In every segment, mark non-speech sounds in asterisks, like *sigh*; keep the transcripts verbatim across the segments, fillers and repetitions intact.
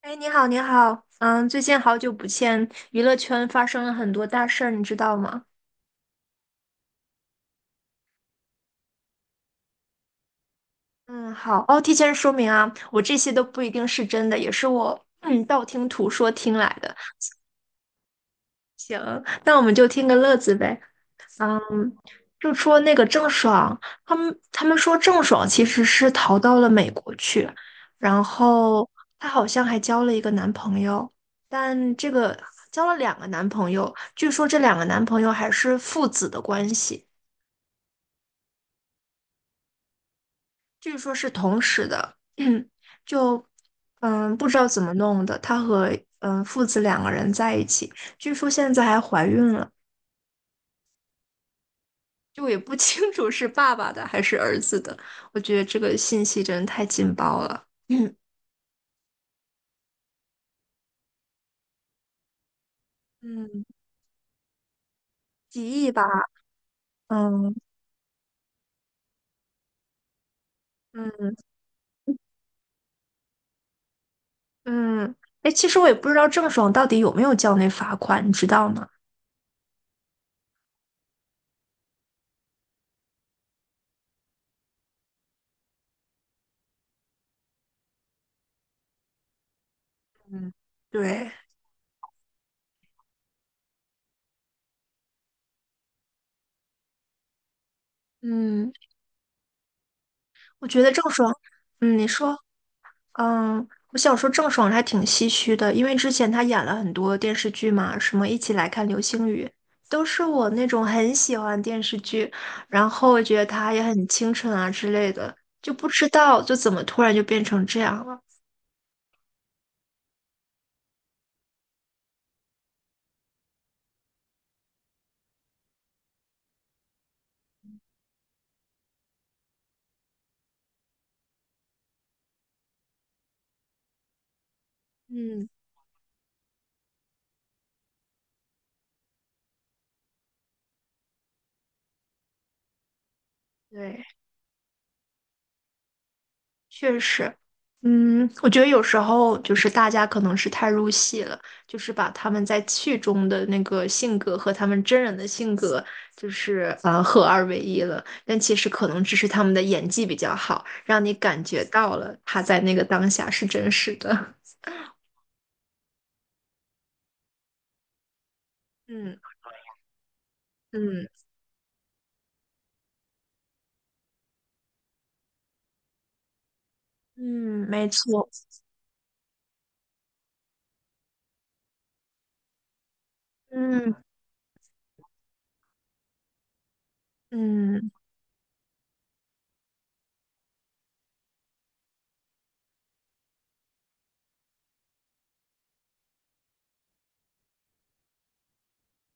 哎，你好，你好，嗯，最近好久不见，娱乐圈发生了很多大事儿，你知道吗？嗯，好，哦，提前说明啊，我这些都不一定是真的，也是我嗯道听途说听来的。行，那我们就听个乐子呗。嗯，就说那个郑爽，他们他们说郑爽其实是逃到了美国去，然后她好像还交了一个男朋友，但这个交了两个男朋友，据说这两个男朋友还是父子的关系。据说是同时的，*clears throat* 就嗯不知道怎么弄的，他和嗯父子两个人在一起，据说现在还怀孕了，就也不 *laughs* 清楚是爸爸的还是儿子的。我觉得这个信息真的太劲爆了，*clears throat* 嗯，几亿吧，嗯嗯嗯，哎，其实我也不知道郑爽到底有没有交那罚款，你知道吗？嗯，对，嗯，我觉得郑爽，嗯，你说。嗯，我想说郑爽还挺唏嘘的，因为之前她演了很多电视剧嘛，什么《一起来看流星雨》，都是我那种很喜欢的电视剧，然后我觉得她也很清纯啊之类的，就不知道就怎么突然就变成这样了。嗯，对，确实，嗯，我觉得有时候就是大家可能是太入戏了，就是把他们在剧中的那个性格和他们真人的性格，就是但其实可能只是他们的演技比较好，让你感觉到了他在那个当下是真实的。*laughs* 嗯嗯嗯，没错，嗯嗯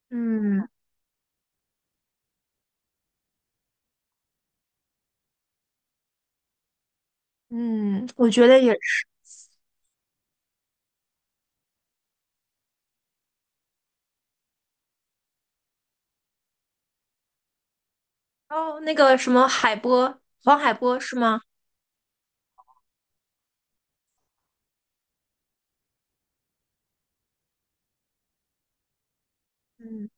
嗯嗯，我觉得也是。哦，那个什么海波，黄海波是吗？嗯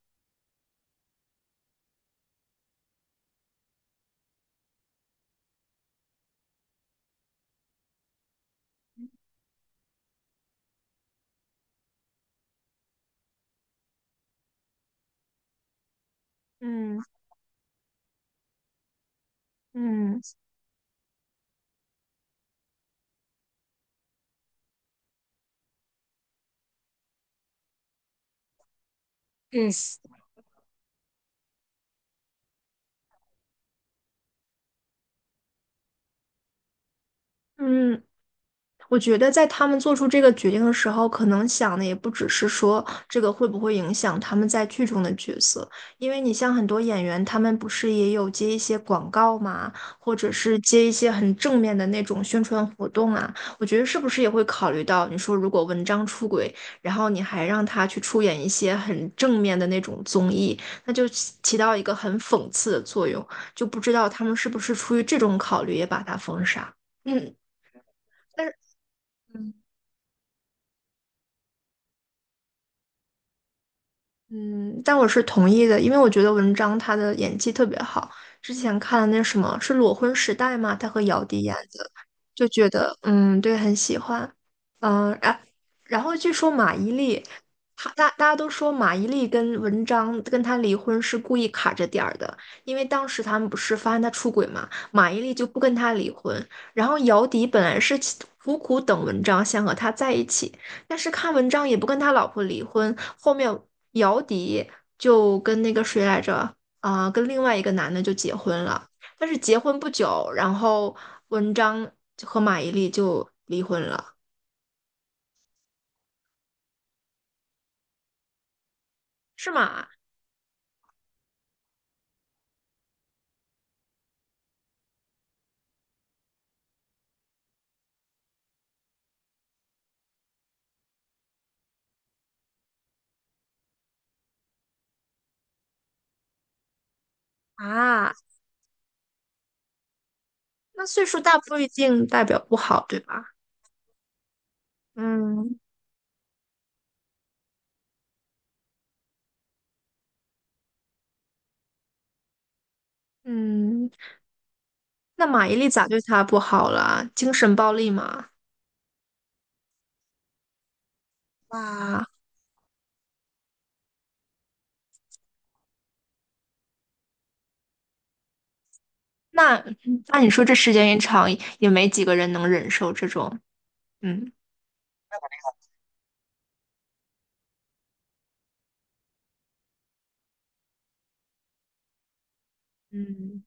嗯嗯嗯。我觉得在他们做出这个决定的时候，可能想的也不只是说这个会不会影响他们在剧中的角色，因为你像很多演员，他们不是也有接一些广告吗？或者是接一些很正面的那种宣传活动啊。我觉得是不是也会考虑到，你说如果文章出轨，然后你还让他去出演一些很正面的那种综艺，那就起起到一个很讽刺的作用，就不知道他们是不是出于这种考虑也把他封杀。嗯。但是。嗯。嗯，但我是同意的，因为我觉得文章他的演技特别好。之前看了那什么是《裸婚时代》嘛，他和姚笛演的，就觉得嗯，对，很喜欢，嗯，然然后据说马伊琍，她大大家都说马伊琍跟文章跟她离婚是故意卡着点儿的，因为当时他们不是发现她出轨嘛，马伊琍就不跟他离婚，然后姚笛本来是企苦苦等文章想和他在一起，但是看文章也不跟他老婆离婚，后面姚笛就跟那个谁来着啊、跟另外一个男的就结婚了。但是结婚不久，然后文章和马伊琍就离婚了，是吗？啊，那岁数大不一定代表不好，对吧？嗯嗯，那马伊琍咋对他不好了？精神暴力嘛？啊，那那你说这时间一长，也没几个人能忍受这种，嗯嗯，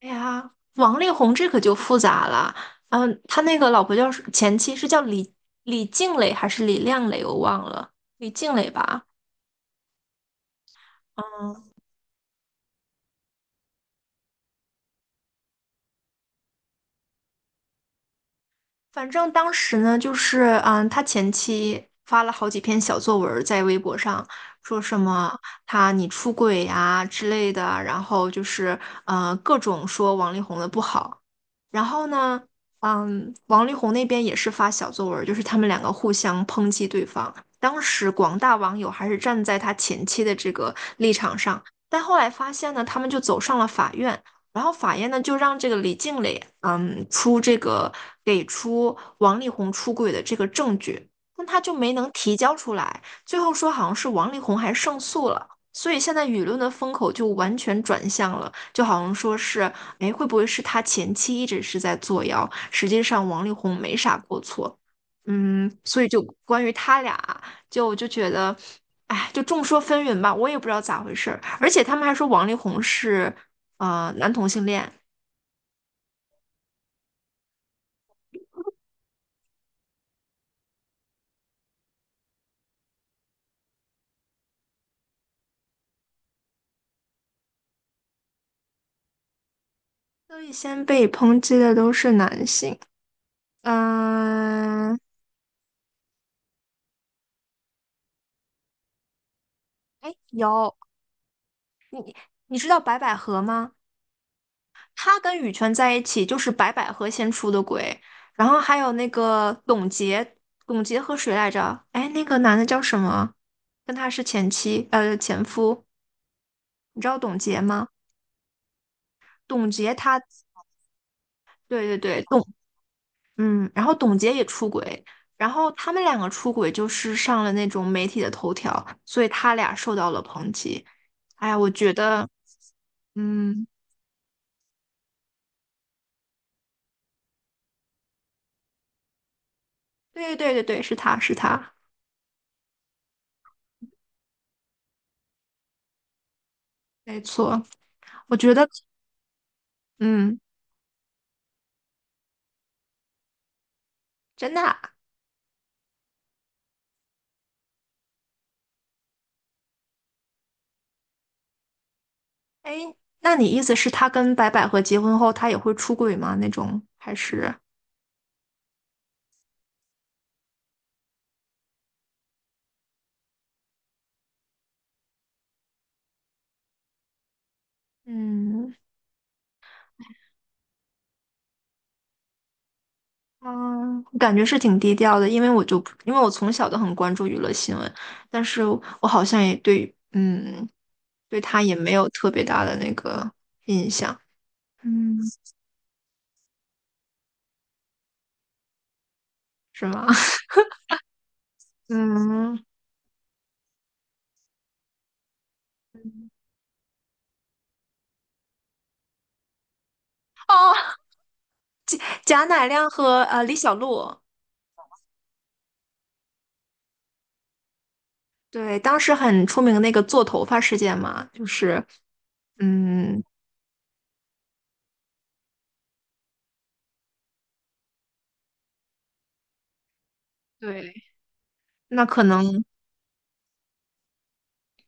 哎呀，王力宏这可就复杂了，嗯，他那个老婆叫前妻是叫李李静蕾还是李亮蕾，我忘了，李静蕾吧。嗯，反正当时呢，就是嗯，他前妻发了好几篇小作文儿在微博上，说什么他你出轨呀、之类的，然后就是呃各种说王力宏的不好。然后呢，嗯，王力宏那边也是发小作文儿，就是他们两个互相抨击对方。当时广大网友还是站在他前妻的这个立场上，但后来发现呢，他们就走上了法院。然后法院呢就让这个李静蕾，嗯，出这个给出王力宏出轨的这个证据，但他就没能提交出来。最后说好像是王力宏还胜诉了，所以现在舆论的风口就完全转向了，就好像说是，哎，会不会是他前妻一直是在作妖？实际上王力宏没啥过错，嗯，所以就关于他俩，就我就觉得。哎，就众说纷纭吧，我也不知道咋回事儿。而且他们还说王力宏是啊、呃男同性恋，所以先被抨击的都是男性。嗯，哎，有，你知道白百合吗？她跟羽泉在一起就是白百合先出的轨，然后还有那个董洁，董洁和谁来着？哎，那个男的叫什么？跟他是前妻，呃，前夫。你知道董洁吗？董洁她，对对对，董嗯，然后董洁也出轨，然后他们两个出轨就是上了那种媒体的头条，所以他俩受到了抨击。哎呀，我觉得，嗯，对对对对，是他是他，没错。我觉得，嗯，真的啊哎，那你意思是他跟白百合结婚后，他也会出轨吗？那种还是，嗯嗯，我感觉是挺低调的，因为我就因为我从小都很关注娱乐新闻，但是我好像也对，嗯。对他也没有特别大的那个，嗯是吗？*laughs* 嗯，哦，贾乃亮和呃李小璐，对，当时很出名的那个做头发事件嘛，就是嗯，对，那可能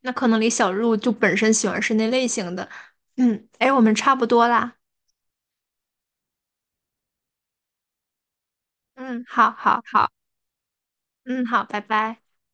那可能李小璐就本身喜欢是那类型的，嗯，哎，我们差不多啦，嗯，好好好，嗯，好，拜拜。